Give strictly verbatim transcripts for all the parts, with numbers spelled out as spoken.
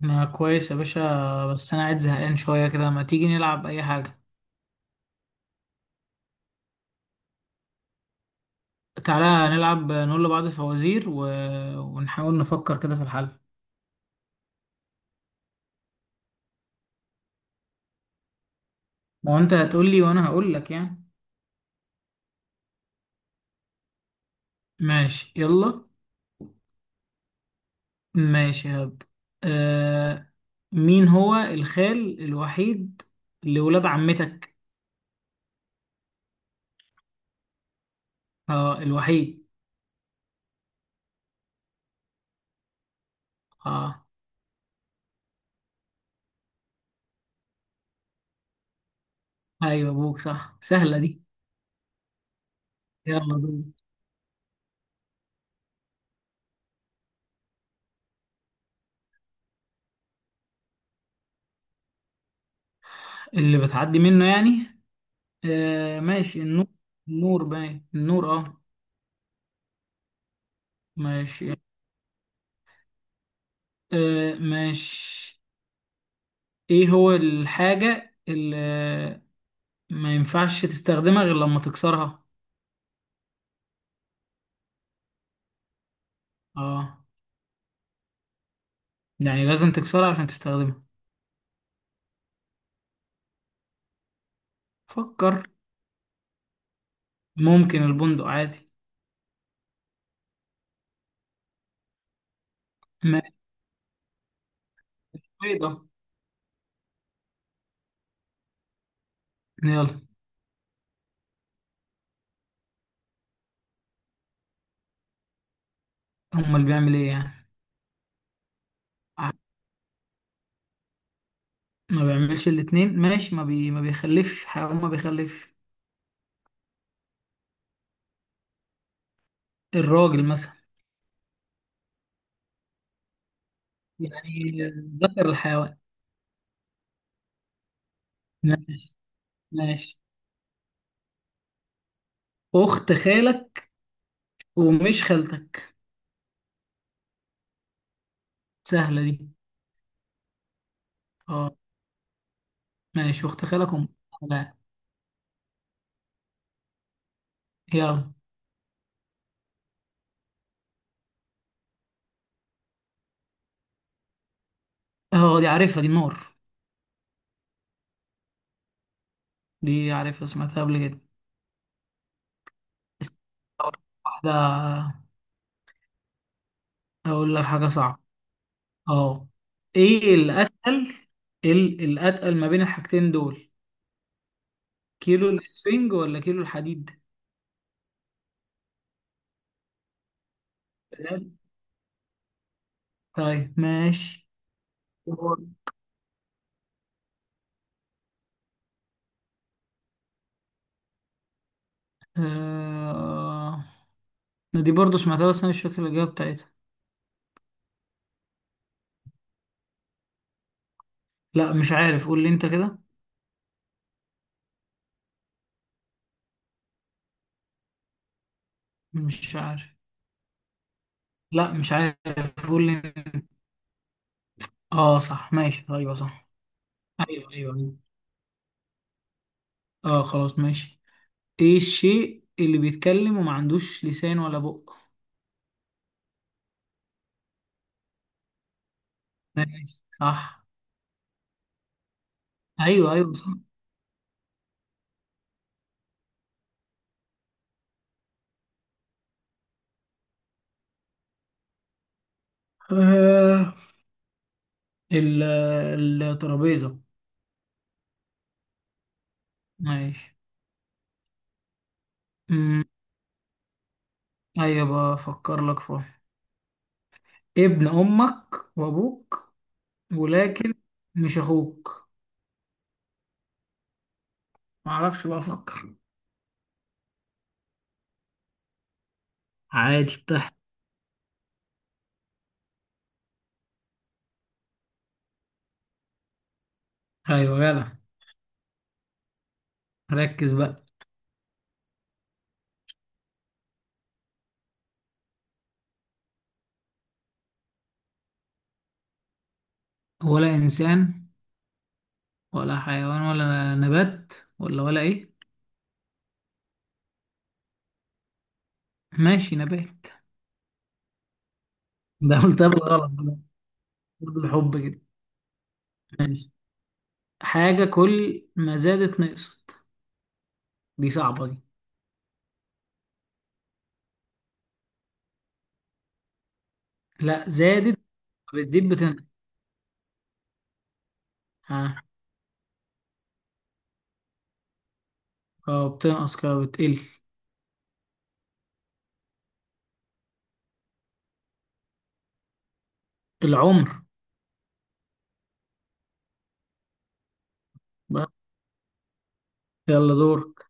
ما كويس يا باشا. بس انا قاعد زهقان شويه كده، ما تيجي نلعب اي حاجه؟ تعالى نلعب نقول لبعض فوازير و... ونحاول نفكر كده في الحل. ما هو انت هتقول لي وانا هقول لك يعني. ماشي يلا. ماشي هبدأ. آه... مين هو الخال الوحيد لولاد عمتك؟ اه الوحيد. اه، ايوه ابوك صح، سهله دي. يلا دول. اللي بتعدي منه يعني. آه... ماشي النور. النور باين النور اه. ماشي. آه ماشي. ايه هو الحاجة اللي ما ينفعش تستخدمها غير لما تكسرها؟ اه، يعني لازم تكسرها عشان تستخدمها. فكر. ممكن البندق عادي. ما بيضة. يلا. امال بيعمل ايه يعني؟ ع- ما بيعملش الاتنين ماشي، ما, بي... ما بيخلفش، حيوان ما بيخلفش. الراجل مثلا. يعني ذكر الحيوان. ماشي. ماشي اخت خالك ومش خالتك. سهلة دي. اه. ماشي اخت خالك ومش خالك. يلا. اه دي عارفها دي، نور. دي عارفها سمعتها قبل كده. است- أول واحدة أقول لك حاجة صعبة، اه. ايه الأتقل؟ إيه ال- الأتقل ما بين الحاجتين دول؟ كيلو الإسفنج ولا كيلو الحديد؟ تمام؟ طيب ماشي. آه... دي برضو سمعتها بس أنا مش فاكر الإجابة بتاعتها. لا مش عارف، قول لي أنت كده. مش عارف. لا مش عارف، قول لي أنت. اه صح ماشي، ايوه صح. ايوه ايوه أيوة. اه خلاص ماشي. ايه الشيء اللي بيتكلم وما عندوش لسان ولا بق؟ ماشي صح. ايوه ايوه صح. آه. ال- الترابيزة. ماشي. أمم، ايوه بفكر لك فيها. ابن امك وابوك ولكن مش اخوك. معرفش بقى افكر. عادي بتحت. ايوه جدع، ركز بقى. ولا انسان ولا حيوان ولا نبات، ولا ولا ايه. ماشي نبات. ده قلت غلط، برضه الحب كده. ماشي. حاجة كل ما زادت نقصت. دي صعبة دي. لا زادت. بتزيد بتنقص. ها. اه بتنقص كده بتقل. العمر. بقى يلا دورك.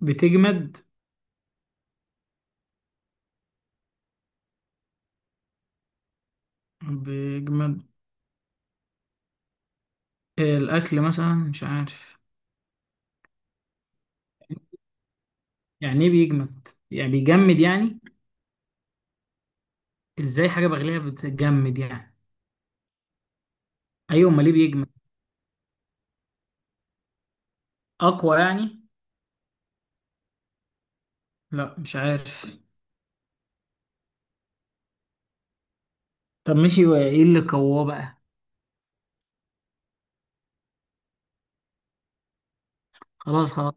بتجمد. بيجمد. آه، الأكل مثلا مش عارف. يعني ايه بيجمد؟ يعني بيجمد يعني. ازاي حاجة بغليها بتجمد يعني؟ ايوه امال ليه بيجمد؟ اقوى يعني؟ لا مش عارف. طب ماشي ايه اللي قواه بقى؟ خلاص خلاص،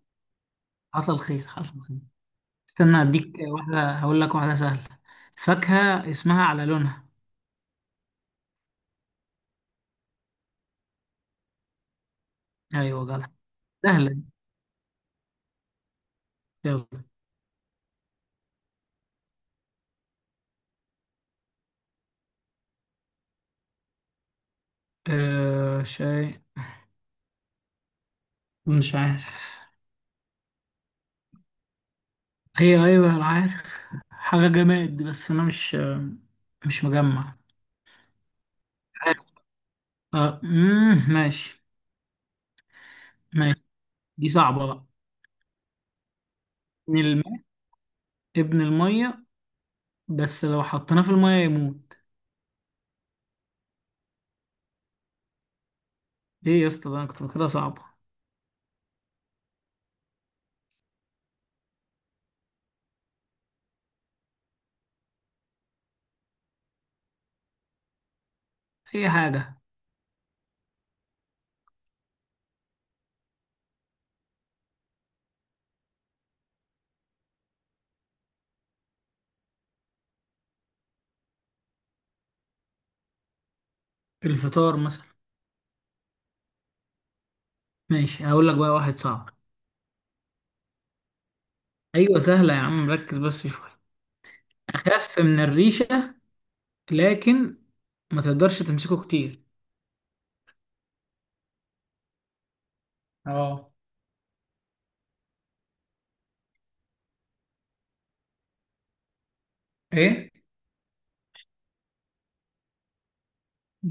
حصل خير حصل خير. استنى اديك واحدة، هقول لك واحدة سهلة. فاكهة اسمها على لونها. ايوه جدع، سهلة دي. يلا. آه شيء مش عارف. هي ايوه انا عارف، حاجة جماد بس انا مش مش مجمع عارف. آه مم ماشي. ماشي. دي صعبة بقى. ابن الماء، ابن المية، بس لو حطيناه في المية يموت. ايه يا اسطى ده انا كنت فاكرها صعبة. اي حاجة. الفطار مثلا. ماشي هقول لك بقى واحد صعب. ايوه سهلة يا عم، ركز بس شوية. أخف من الريشة لكن ما تقدرش تمسكه كتير. اه. ايه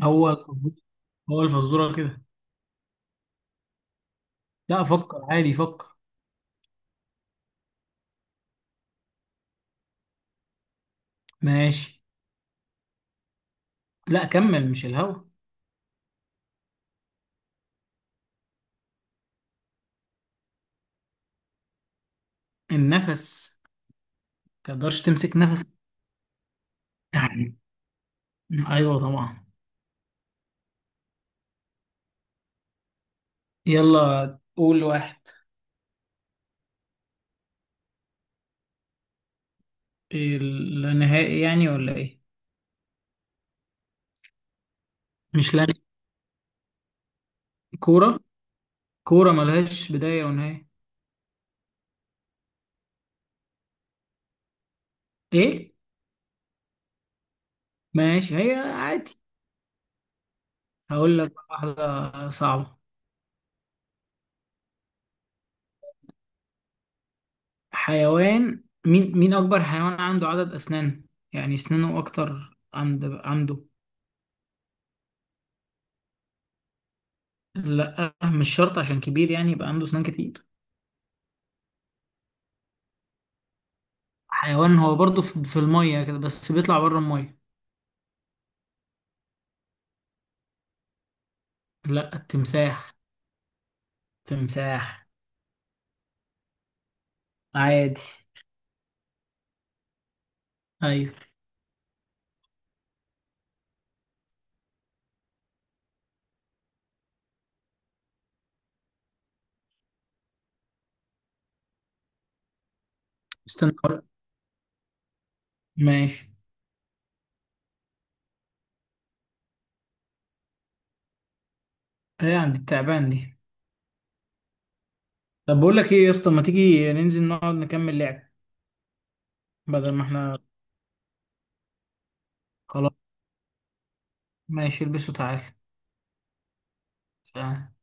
هو الفزورة؟ هو الفزورة كده. لا فكر عادي، فكر. ماشي. لا كمل، مش الهوا. النفس، ما تقدرش تمسك نفسك. يعني. أيوه طبعا. يلا قول واحد. النهائي يعني ولا إيه؟ مش لا. كورة، كورة ملهاش بداية ونهاية. إيه؟ ماشي هي عادي. هقول لك واحدة صعبة. حيوان مين مين أكبر حيوان عنده عدد أسنان؟ يعني أسنانه أكتر عند عنده. لا مش شرط عشان كبير يعني يبقى عنده أسنان كتير. حيوان هو برضه في في المية كده بس بيطلع بره المية. لا التمساح. تمساح عادي. أيوه. استنى. ماشي هي عند التعبان دي. طب بقول لك إيه يا اسطى، ما تيجي ننزل نقعد نكمل لعب بدل ما إحنا. خلاص. ماشي البسوا تعالى. سلام